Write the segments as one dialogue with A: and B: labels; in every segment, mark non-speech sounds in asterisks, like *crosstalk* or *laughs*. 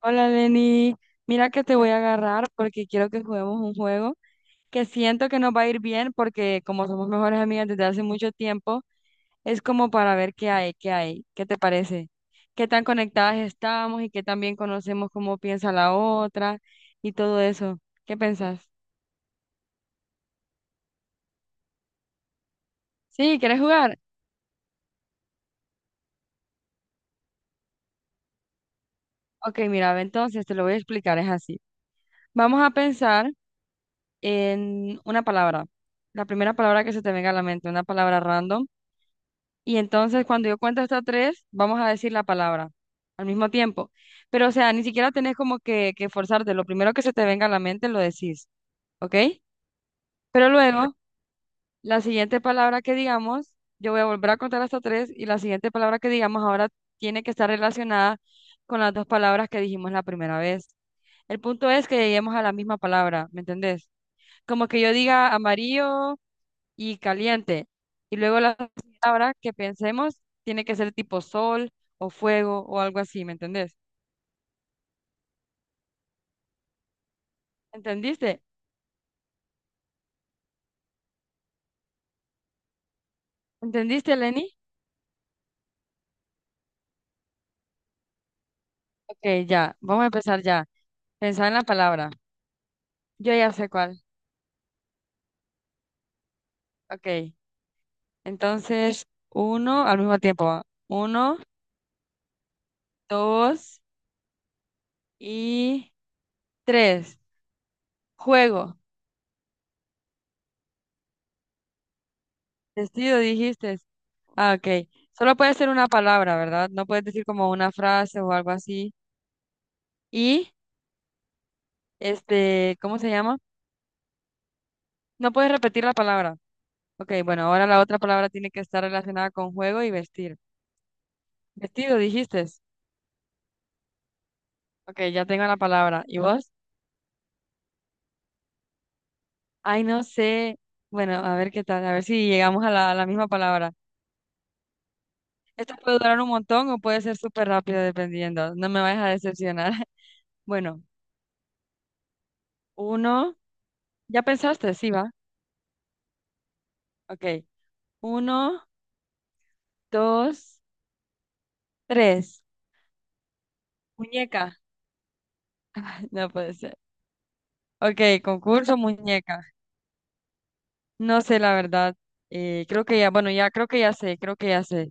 A: Hola Lenny, mira que te voy a agarrar porque quiero que juguemos un juego que siento que nos va a ir bien porque como somos mejores amigas desde hace mucho tiempo, es como para ver qué hay, qué te parece, qué tan conectadas estamos y qué tan bien conocemos cómo piensa la otra y todo eso. ¿Qué pensás? Sí, ¿quieres jugar? Ok, mira, ve, entonces te lo voy a explicar, es así. Vamos a pensar en una palabra, la primera palabra que se te venga a la mente, una palabra random. Y entonces cuando yo cuento hasta tres, vamos a decir la palabra al mismo tiempo. Pero o sea, ni siquiera tenés como que forzarte. Lo primero que se te venga a la mente lo decís, ¿ok? Pero luego, la siguiente palabra que digamos, yo voy a volver a contar hasta tres y la siguiente palabra que digamos ahora tiene que estar relacionada con las dos palabras que dijimos la primera vez. El punto es que lleguemos a la misma palabra, ¿me entendés? Como que yo diga amarillo y caliente. Y luego la palabra que pensemos tiene que ser tipo sol o fuego o algo así, ¿me entendés? ¿Entendiste? ¿Entendiste, Lenny? Ok, ya, vamos a empezar ya. Pensar en la palabra. Yo ya sé cuál. Ok, entonces uno al mismo tiempo. ¿Va? Uno, dos y tres. Juego. Vestido, dijiste. Ah, ok. Solo puede ser una palabra, ¿verdad? No puedes decir como una frase o algo así. Y, este, ¿cómo se llama? No puedes repetir la palabra. Ok, bueno, ahora la otra palabra tiene que estar relacionada con juego y vestir. Vestido, dijiste. Ok, ya tengo la palabra. ¿Y vos? Ay, no sé. Bueno, a ver qué tal, a ver si llegamos a la misma palabra. Esto puede durar un montón o puede ser súper rápido dependiendo. No me vayas a decepcionar. *laughs* Bueno, uno. ¿Ya pensaste? Sí, va. Ok. Uno, dos, tres. Muñeca. *laughs* No puede ser. Ok, concurso muñeca. No sé, la verdad. Creo que ya, bueno, ya creo que ya sé, creo que ya sé.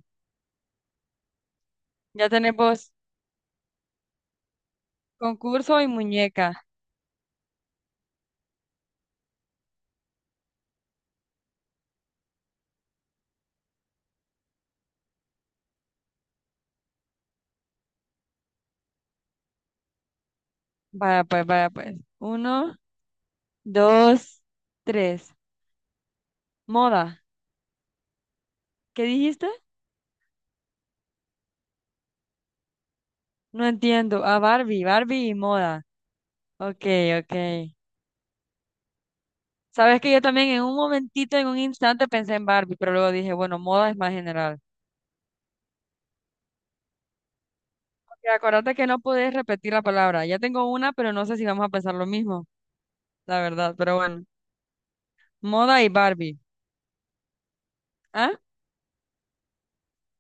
A: Ya tenemos concurso y muñeca. Vaya, pues, vaya, pues. Uno, dos, tres. Moda. ¿Qué dijiste? No entiendo. Ah, Barbie, Barbie y moda. Ok, ok. Sabes que yo también en un momentito, en un instante pensé en Barbie, pero luego dije, bueno, moda es más general. Ok, acuérdate que no puedes repetir la palabra. Ya tengo una, pero no sé si vamos a pensar lo mismo, la verdad, pero bueno. Moda y Barbie. ¿Ah?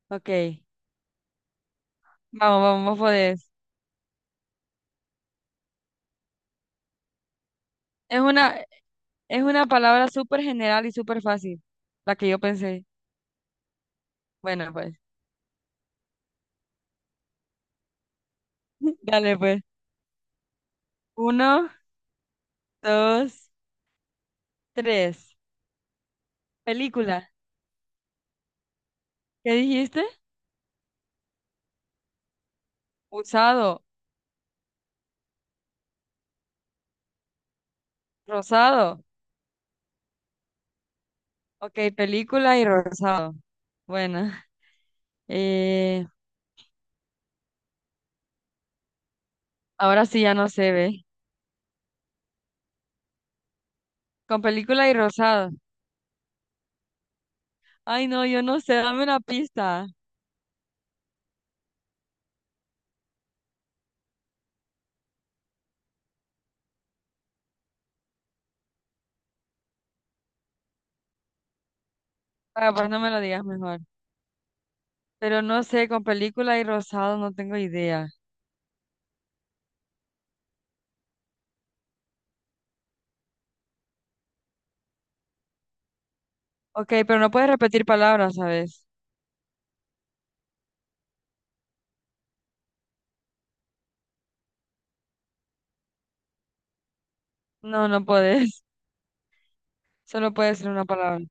A: Ok. Vamos, vamos, vos podés. Es una, es una palabra súper general y súper fácil, la que yo pensé. Bueno, pues. *laughs* Dale, pues. Uno, dos, tres. Película. ¿Qué dijiste? Usado, rosado. Ok, película y rosado. Bueno, eh, ahora sí ya no se ve. Con película y rosado. Ay, no, yo no sé, dame una pista. Ah, pues no me lo digas mejor. Pero no sé, con película y rosado no tengo idea. Ok, pero no puedes repetir palabras, ¿sabes? No, no puedes. *laughs* Solo puede ser una palabra.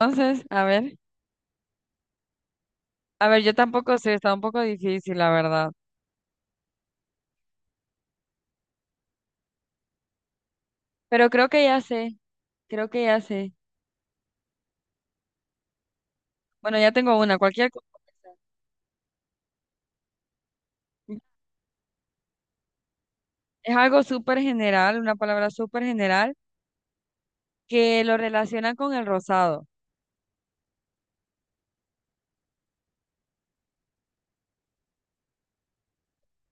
A: Entonces, a ver. A ver, yo tampoco sé, está un poco difícil, la verdad. Pero creo que ya sé, creo que ya sé. Bueno, ya tengo una, cualquier cosa. Es algo súper general, una palabra súper general, que lo relacionan con el rosado.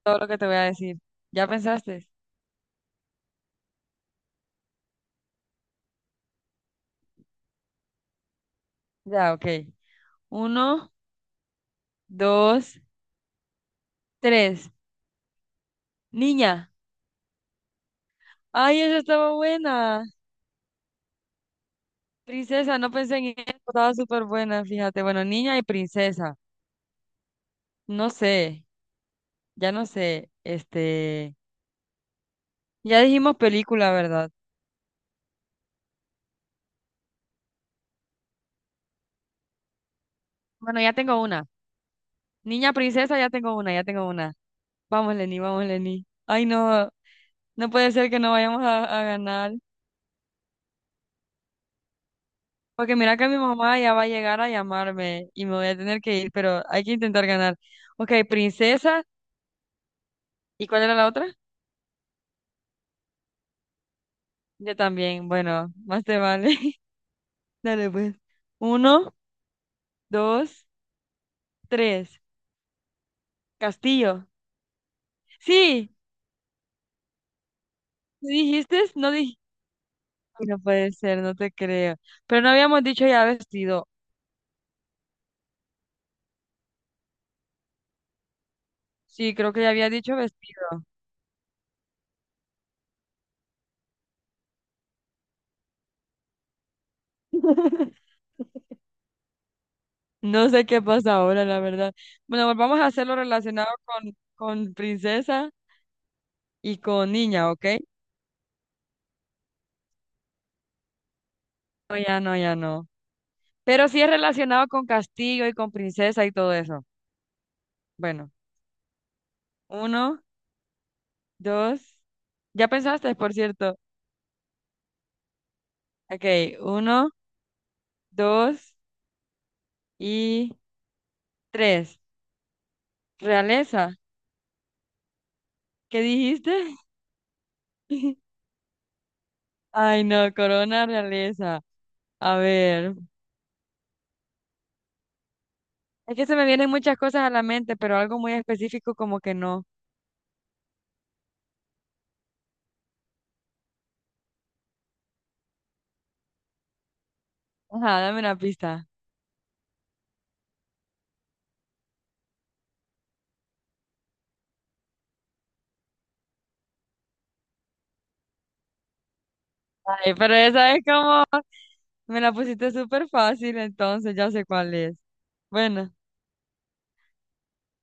A: Todo lo que te voy a decir. ¿Ya pensaste? Ya, ok. Uno, dos, tres. Niña. Ay, esa estaba buena. Princesa, no pensé en ella, estaba súper buena, fíjate. Bueno, niña y princesa. No sé, ya no sé. Este, ya dijimos película, ¿verdad? Bueno, ya tengo una. Niña princesa, ya tengo una, ya tengo una. Vamos, Lenny, vamos, Lenny. Ay, no, no puede ser que no vayamos a ganar. Porque mira que mi mamá ya va a llegar a llamarme y me voy a tener que ir, pero hay que intentar ganar. Ok, princesa. ¿Y cuál era la otra? Yo también. Bueno, más te vale. *laughs* Dale, pues. Uno, dos, tres. Castillo. Sí, dijiste? ¿No dijiste? *laughs* No puede ser, no te creo. Pero no habíamos dicho ya vestido. Sí, creo que ya había dicho vestido. *laughs* No sé qué pasa ahora, la verdad. Bueno, pues vamos a hacerlo relacionado con princesa y con niña, ¿ok? No, ya no, ya no. Pero sí es relacionado con castillo y con princesa y todo eso. Bueno, uno, dos. Ya pensaste, por cierto. Ok, uno, dos y tres. Realeza. ¿Qué dijiste? *laughs* Ay, no, corona realeza. A ver. Es que se me vienen muchas cosas a la mente, pero algo muy específico como que no. Ajá, dame una pista. Ay, pero esa es como, me la pusiste súper fácil, entonces ya sé cuál es. Bueno,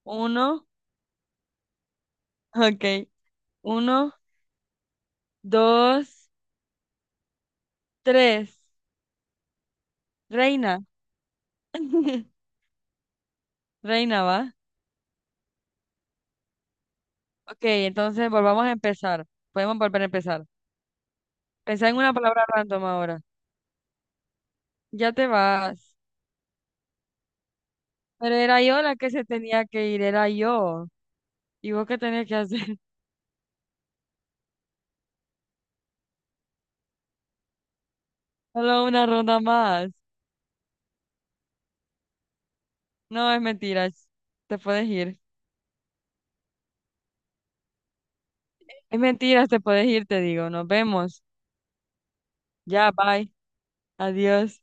A: uno, ok. Uno, dos, tres. Reina. *laughs* Reina, ¿va? Ok, entonces volvamos a empezar. Podemos volver a empezar. Pensá en una palabra random ahora. Ya te vas. Pero era yo la que se tenía que ir, era yo. ¿Y vos qué tenías que hacer? *laughs* Solo una ronda más. No, es mentiras. Te puedes ir. Es mentiras, te puedes ir, te digo. Nos vemos. Ya, bye. Adiós.